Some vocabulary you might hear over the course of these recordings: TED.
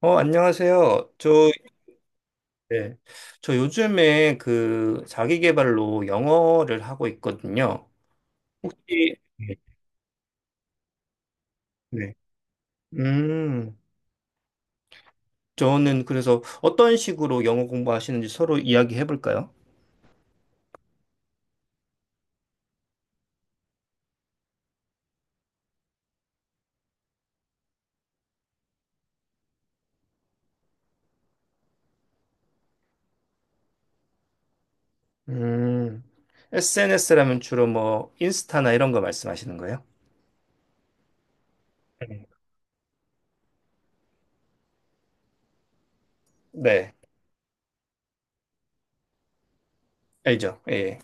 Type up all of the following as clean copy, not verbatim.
안녕하세요. 네. 저 요즘에 그 자기 개발로 영어를 하고 있거든요. 네. 네. 음, 저는 그래서 어떤 식으로 영어 공부하시는지 서로 이야기해 볼까요? 음, SNS라면 주로 뭐 인스타나 이런 거 말씀하시는 거예요? 네. 네, 알죠. 예.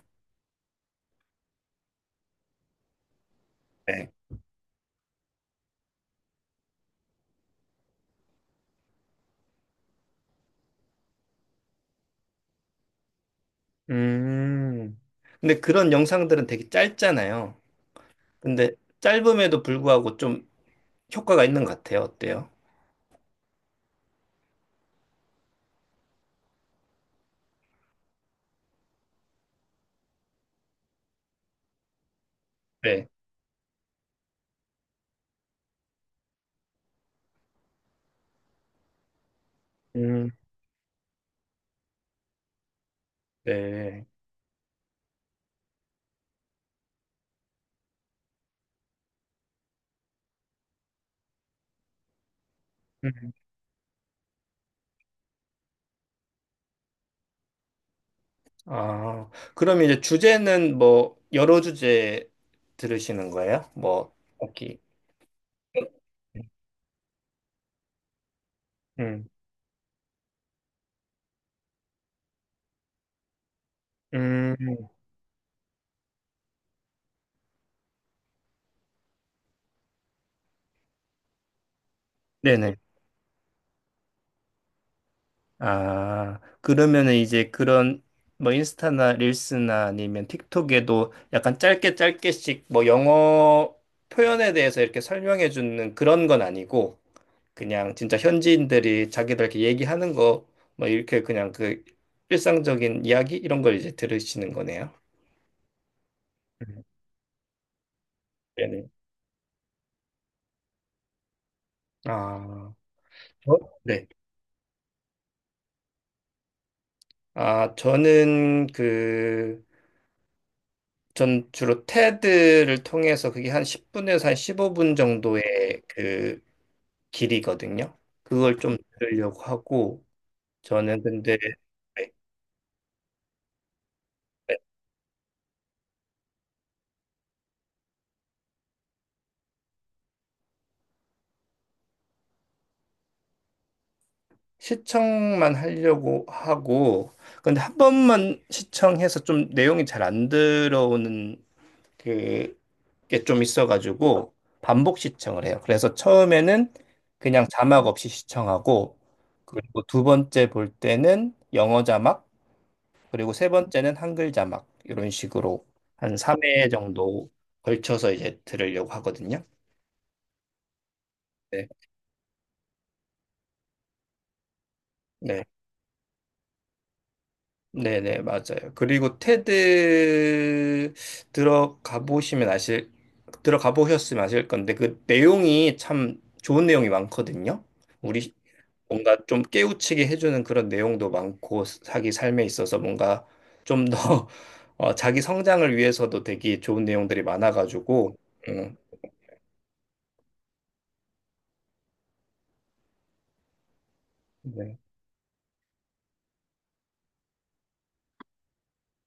네. 음, 근데 그런 영상들은 되게 짧잖아요. 근데 짧음에도 불구하고 좀 효과가 있는 것 같아요. 어때요? 네. 음, 네. 음. 아, 그럼 이제 주제는 뭐 여러 주제 들으시는 거예요? 뭐 딱히. 음, 음, 네네. 아, 그러면은 이제 그런 뭐 인스타나 릴스나 아니면 틱톡에도 약간 짧게 짧게씩 뭐 영어 표현에 대해서 이렇게 설명해 주는 그런 건 아니고 그냥 진짜 현지인들이 자기들 이렇게 얘기하는 거, 뭐 이렇게 그냥 그 일상적인 이야기 이런 걸 이제 들으시는 거네요. 음. 네네. 아, 저? 네. 아, 저는 전 주로 테드를 통해서 그게 한 10분에서 한 15분 정도의 그 길이거든요. 그걸 좀 들으려고 하고, 저는 근데. 네, 네. 시청만 하려고 하고, 근데 한 번만 시청해서 좀 내용이 잘 안 들어오는 그 게 좀 있어가지고 반복 시청을 해요. 그래서 처음에는 그냥 자막 없이 시청하고, 그리고 두 번째 볼 때는 영어 자막, 그리고 세 번째는 한글 자막, 이런 식으로 한 3회 정도 걸쳐서 이제 들으려고 하거든요. 네, 네, 네, 네, 맞아요. 그리고 테드 들어가 보시면 아실 들어가 보셨으면 아실 건데, 그 내용이 참 좋은 내용이 많거든요. 우리 뭔가 좀 깨우치게 해주는 그런 내용도 많고, 자기 삶에 있어서 뭔가 좀 더 자기 성장을 위해서도 되게 좋은 내용들이 많아가지고. 음, 네.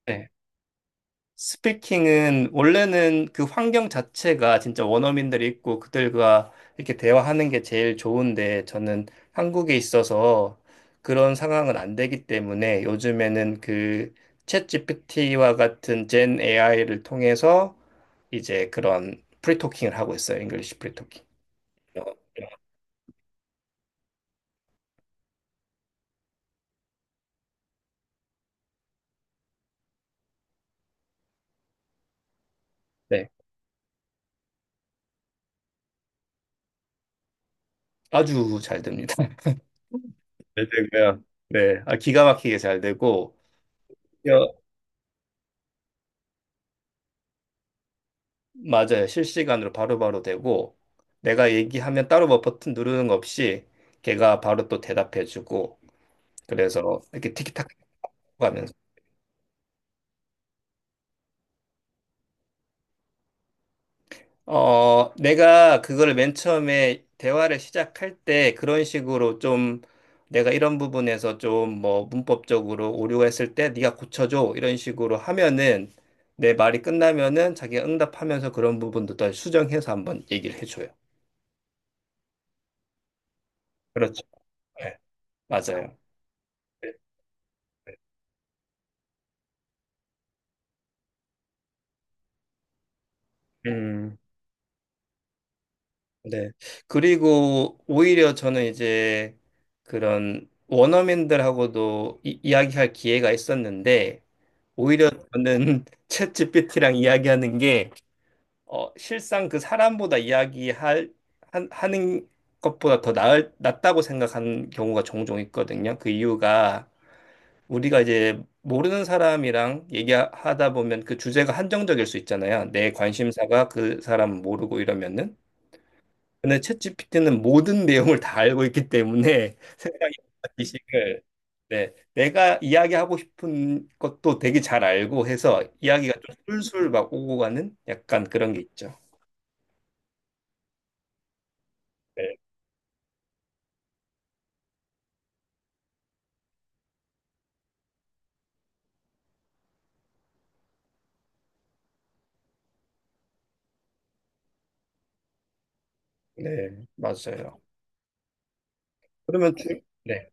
네. 스피킹은 원래는 그 환경 자체가 진짜 원어민들이 있고 그들과 이렇게 대화하는 게 제일 좋은데, 저는 한국에 있어서 그런 상황은 안 되기 때문에 요즘에는 그 챗GPT와 같은 젠 AI를 통해서 이제 그런 프리토킹을 하고 있어요. 잉글리시 프리토킹. 어, 네. 아주 잘 됩니다. 잘 되고요. 네. 아, 기가 막히게 잘 되고, 맞아요. 실시간으로 바로바로 되고, 내가 얘기하면 따로 뭐 버튼 누르는 거 없이 걔가 바로 또 대답해주고, 그래서 이렇게 티키타카 하면서. 내가 그걸 맨 처음에 대화를 시작할 때 그런 식으로 좀, 내가 이런 부분에서 좀 뭐 문법적으로 오류가 있을 때 네가 고쳐줘 이런 식으로 하면은 내 말이 끝나면은 자기가 응답하면서 그런 부분도 다 수정해서 한번 얘기를 해줘요. 그렇죠. 네, 맞아요. 음. 네. 그리고 오히려 저는 이제 그런 원어민들하고도 이야기할 기회가 있었는데, 오히려 저는 챗GPT랑 이야기하는 게 실상 그 사람보다 이야기할, 하는 것보다 더 낫다고 생각하는 경우가 종종 있거든요. 그 이유가, 우리가 이제 모르는 사람이랑 얘기하다 보면 그 주제가 한정적일 수 있잖아요. 내 관심사가 그 사람 모르고 이러면은. 근데 챗GPT는 모든 내용을 다 알고 있기 때문에 생각이. 지식을. 네, 내가 이야기하고 싶은 것도 되게 잘 알고 해서 이야기가 좀 술술 막 오고 가는 약간 그런 게 있죠. 네, 네, 맞아요. 그러면 주. 네,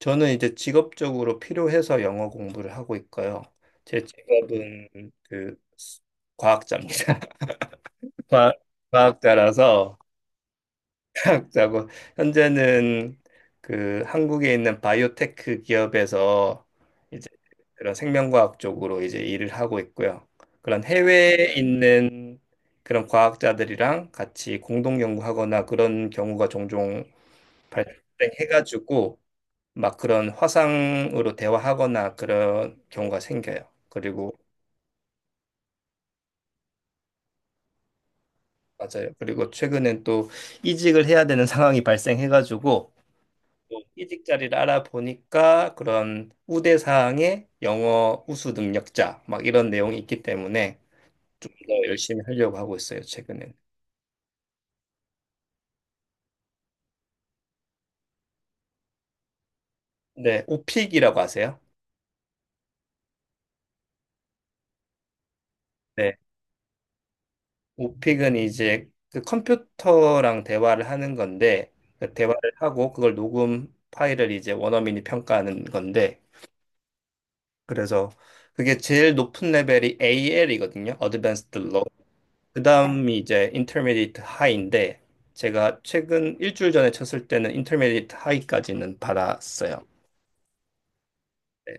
저는 이제 직업적으로 필요해서 영어 공부를 하고 있고요. 제 직업은 그 과학자입니다. 과, 과학자라서 하고, 현재는 그 한국에 있는 바이오테크 기업에서 이제 그런 생명과학 쪽으로 이제 일을 하고 있고요. 그런 해외에 있는 그런 과학자들이랑 같이 공동 연구하거나 그런 경우가 종종 발생해가지고, 막 그런 화상으로 대화하거나 그런 경우가 생겨요. 그리고 맞아요. 그리고 최근엔 또 이직을 해야 되는 상황이 발생해가지고, 이직 자리를 알아보니까 그런 우대사항에 영어 우수 능력자 막 이런 내용이 있기 때문에 좀 더 열심히 하려고 하고 있어요, 최근엔. 네, 오픽이라고 아세요? 네, 오픽은 이제 그 컴퓨터랑 대화를 하는 건데, 그 대화를 하고 그걸 녹음 파일을 이제 원어민이 평가하는 건데, 그래서 그게 제일 높은 레벨이 AL이거든요, Advanced Low. 그다음이 이제 인터미디 h 트 하이인데, 제가 최근 일주일 전에 쳤을 때는 인터미디 h 트 하이까지는 받았어요. 네.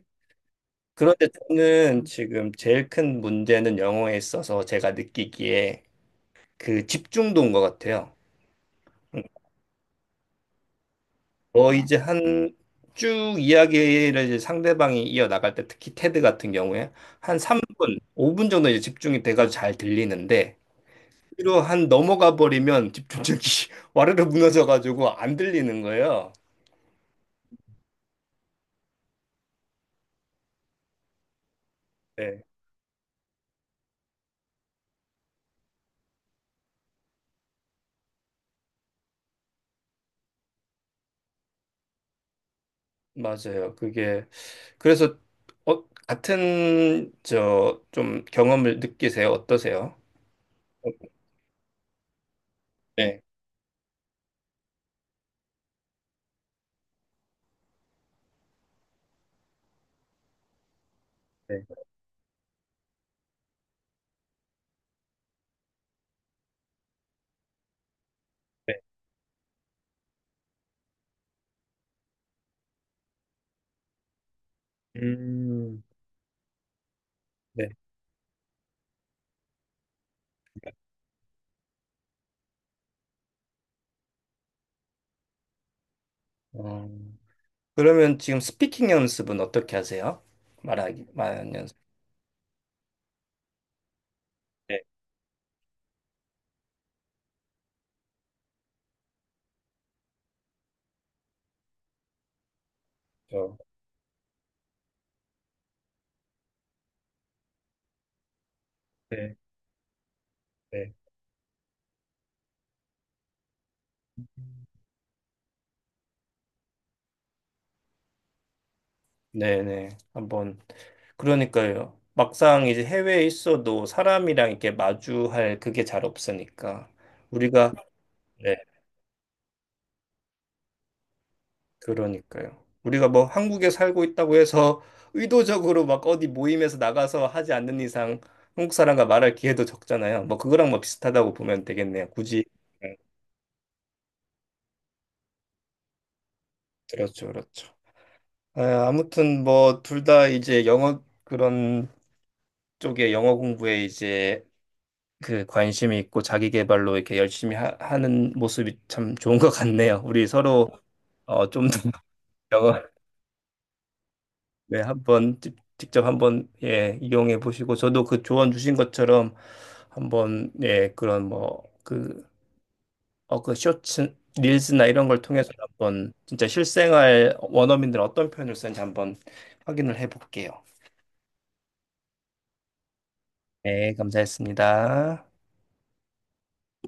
그런데 저는 지금 제일 큰 문제는 영어에 있어서 제가 느끼기에 그 집중도인 것 같아요. 음, 이제 한 쭉 이야기를 이제 상대방이 이어나갈 때, 특히 테드 같은 경우에 한 3분, 5분 정도 이제 집중이 돼가지고 잘 들리는데, 뒤로 한 넘어가 버리면 집중력이 와르르 무너져가지고 안 들리는 거예요. 네. 맞아요. 그게 그래서, 같은 저 좀 경험을 느끼세요? 어떠세요? 어, 네, 네, 네. 음, 네. 어, 그러면 지금 스피킹 연습은 어떻게 하세요? 말하기, 말하는 연습. 네, 저. 네, 네, 네, 네. 한번. 그러니까요. 막상 이제 해외에 있어도 사람이랑 이렇게 마주할 그게 잘 없으니까 우리가. 그러니까요. 우리가 뭐 한국에 살고 있다고 해서 의도적으로 막 어디 모임에서 나가서 하지 않는 이상 한국 사람과 말할 기회도 적잖아요. 뭐 그거랑 뭐 비슷하다고 보면 되겠네요. 굳이. 네, 그렇죠, 그렇죠. 아, 아무튼 뭐 둘 다 이제 영어 그런 쪽에, 영어 공부에 이제 그 관심이 있고 자기 개발로 이렇게 열심히 하, 는 모습이 참 좋은 것 같네요. 우리 서로 좀 더 영어. 네, 한번 직접 한번 예, 이용해 보시고, 저도 그 조언 주신 것처럼 한번 예, 그런 뭐 그, 그 쇼츠 릴스나 이런 걸 통해서 한번 진짜 실생활 원어민들 어떤 표현을 쓰는지 한번 확인을 해 볼게요. 네, 감사했습니다.